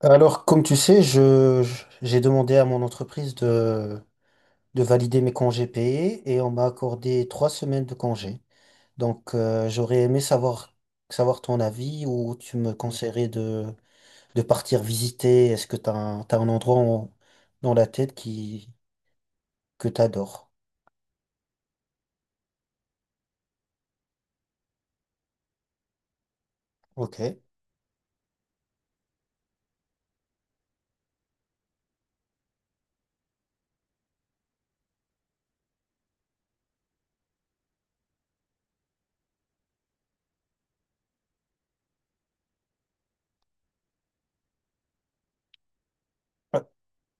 Alors, comme tu sais, j'ai demandé à mon entreprise de valider mes congés payés et on m'a accordé 3 semaines de congés. Donc, j'aurais aimé savoir, ton avis ou tu me conseillerais de partir visiter. Est-ce que t'as un endroit dans la tête que t'adores? Ok.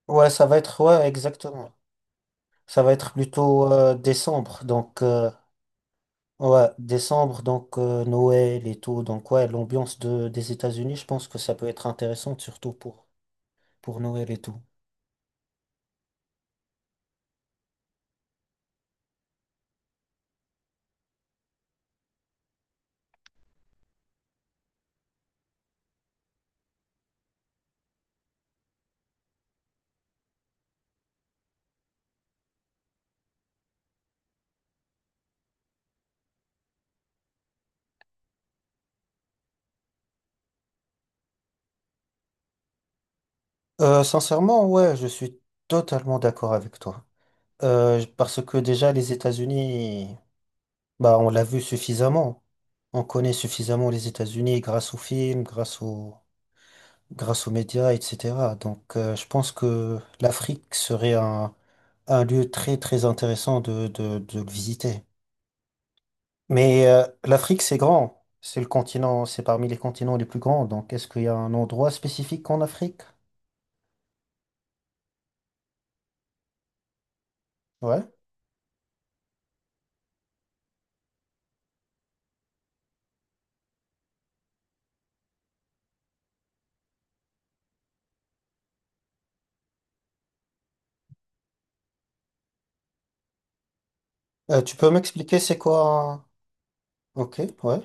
Ouais, ça va être, ouais, exactement. Ça va être plutôt décembre. Donc, Ouais, décembre, donc Noël et tout. Donc ouais, l'ambiance des États-Unis, je pense que ça peut être intéressant, surtout pour Noël et tout. Sincèrement, ouais, je suis totalement d'accord avec toi. Parce que déjà, les États-Unis, bah, on l'a vu suffisamment. On connaît suffisamment les États-Unis grâce aux films, grâce aux médias, etc. Donc je pense que l'Afrique serait un lieu très, très intéressant de le visiter. Mais l'Afrique, c'est grand. C'est le continent, c'est parmi les continents les plus grands. Donc, est-ce qu'il y a un endroit spécifique en Afrique? Ouais. Tu peux m'expliquer c'est quoi? Ok, ouais.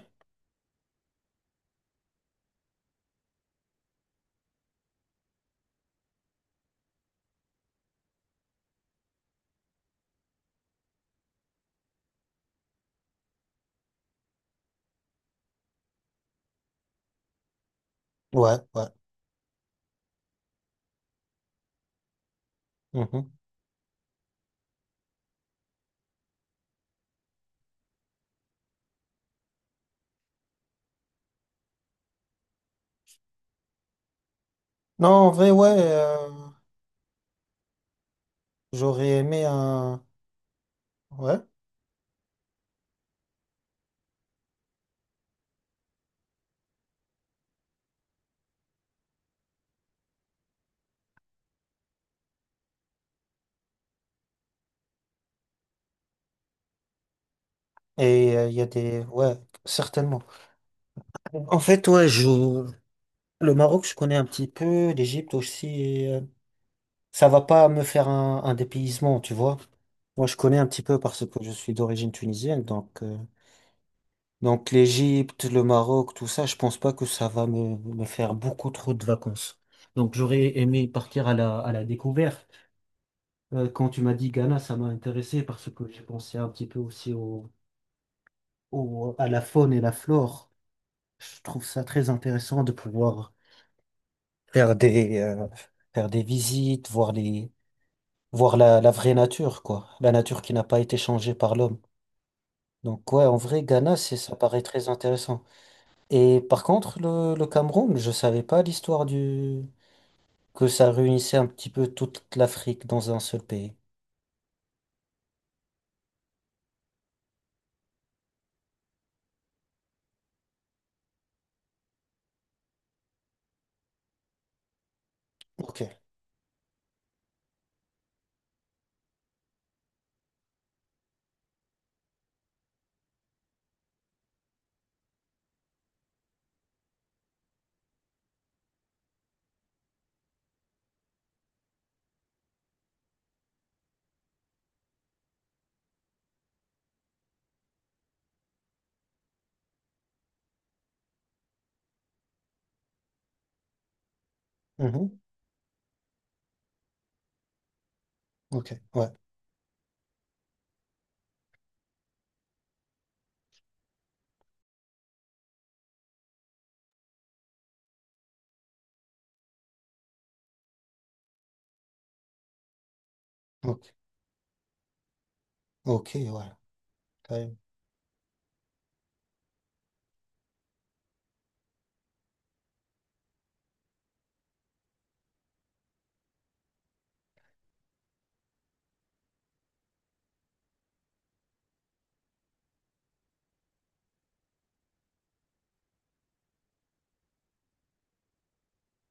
Ouais, ouais. Mhm. Non, en vrai, ouais. J'aurais aimé un. Ouais. Et il y a des. Ouais, certainement. En fait, ouais, je... Le Maroc, je connais un petit peu. L'Égypte aussi. Et ça va pas me faire un dépaysement, tu vois. Moi, je connais un petit peu parce que je suis d'origine tunisienne. Donc. Donc l'Égypte, le Maroc, tout ça, je pense pas que ça va me faire beaucoup trop de vacances. Donc j'aurais aimé partir à la découverte. Quand tu m'as dit Ghana, ça m'a intéressé parce que j'ai pensé un petit peu aussi à la faune et la flore. Je trouve ça très intéressant de pouvoir faire des, euh, faire des visites, voir la vraie nature, quoi. La nature qui n'a pas été changée par l'homme. Donc ouais, en vrai, Ghana, ça paraît très intéressant. Et par contre, le Cameroun, je savais pas l'histoire du... Que ça réunissait un petit peu toute l'Afrique dans un seul pays. Ok. Mhm. Ok. Ouais. Ok. Ok, ouais. Quand.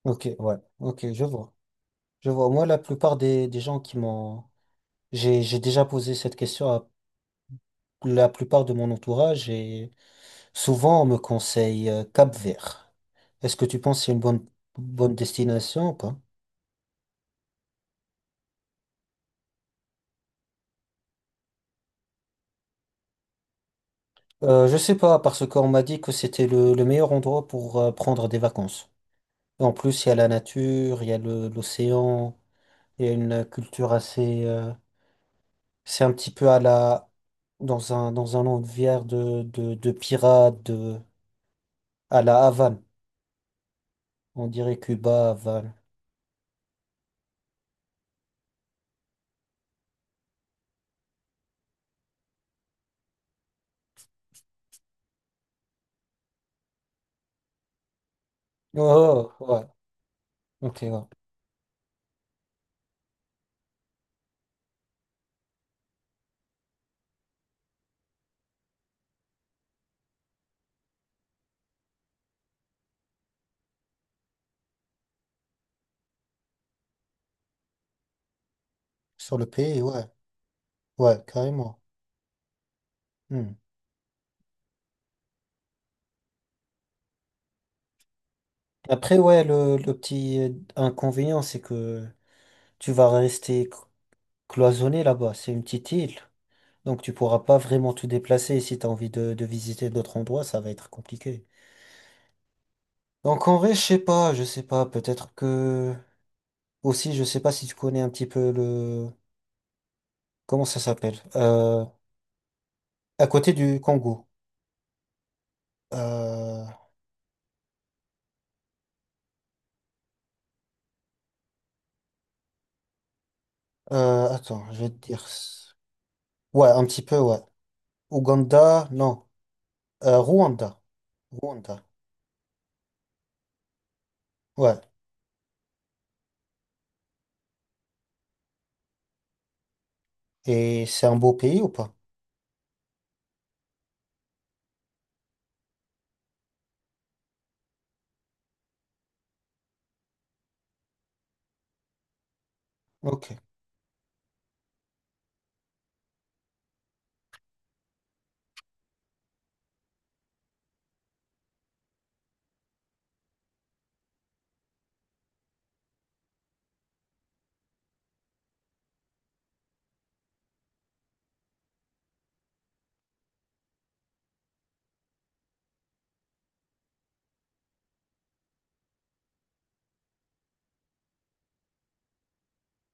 Ok, ouais. Ok, je vois. Je vois. Moi, la plupart des gens qui m'ont... J'ai déjà posé cette question à la plupart de mon entourage et souvent on me conseille Cap-Vert. Est-ce que tu penses que c'est une bonne destination ou pas? Je sais pas, parce qu'on m'a dit que c'était le meilleur endroit pour prendre des vacances. Et en plus, il y a la nature, il y a l'océan, il y a une culture assez... C'est un petit peu à la... Dans un univers de pirates, à la Havane. On dirait Cuba, Havane. Oh, oh, oh, ouais, ok, ouais. Sur le pays, ouais, ouais, carrément. Hmm. Après, ouais, le petit inconvénient, c'est que tu vas rester cloisonné là-bas. C'est une petite île. Donc tu pourras pas vraiment te déplacer. Si tu as envie de visiter d'autres endroits, ça va être compliqué. Donc en vrai, je sais pas, je sais pas. Peut-être que aussi, je sais pas si tu connais un petit peu le comment ça s'appelle. À côté du Congo. Euh, Attends, je vais te dire. Ouais, un petit peu, ouais. Ouganda, non. Rwanda. Rwanda. Ouais. Et c'est un beau pays ou pas? Ok.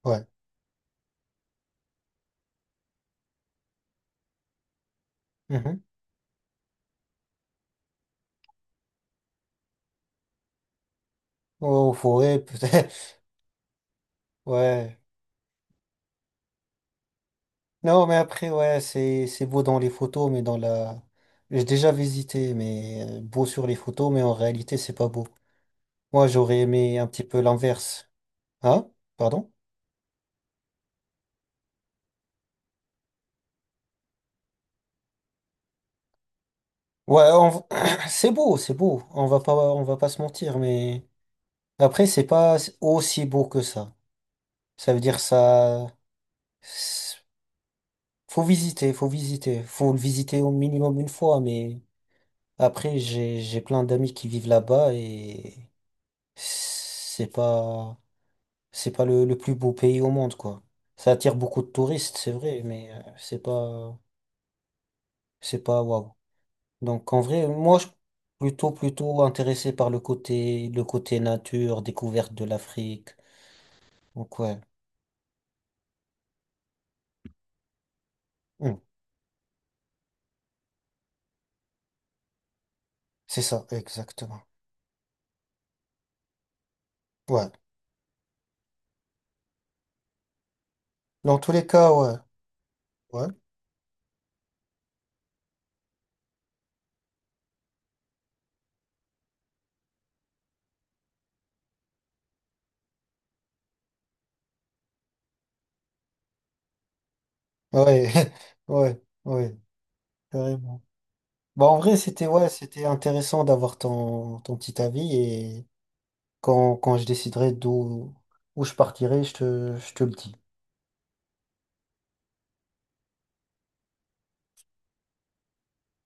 Ouais. Mhm. Oh, forêt, peut-être. Ouais. Non, mais après, ouais, c'est beau dans les photos, mais dans la... J'ai déjà visité, mais beau sur les photos, mais en réalité, c'est pas beau. Moi, j'aurais aimé un petit peu l'inverse. Hein? Pardon? Ouais, c'est beau, c'est beau. On va pas se mentir, mais après, c'est pas aussi beau que ça. Ça veut dire ça... C'est- Faut visiter, faut visiter. Faut le visiter au minimum une fois, mais après, j'ai plein d'amis qui vivent là-bas et c'est pas... C'est pas le plus beau pays au monde, quoi. Ça attire beaucoup de touristes, c'est vrai, mais c'est pas waouh. Donc, en vrai, moi, je suis plutôt intéressé par le côté nature, découverte de l'Afrique. Donc, ouais, hmm, c'est ça, exactement. Ouais. Dans tous les cas, ouais. Ouais. Ouais. Ouais. Ouais. Carrément. Bah, en vrai, c'était, ouais, c'était intéressant d'avoir ton petit avis et quand je déciderai où je partirai, je te le dis.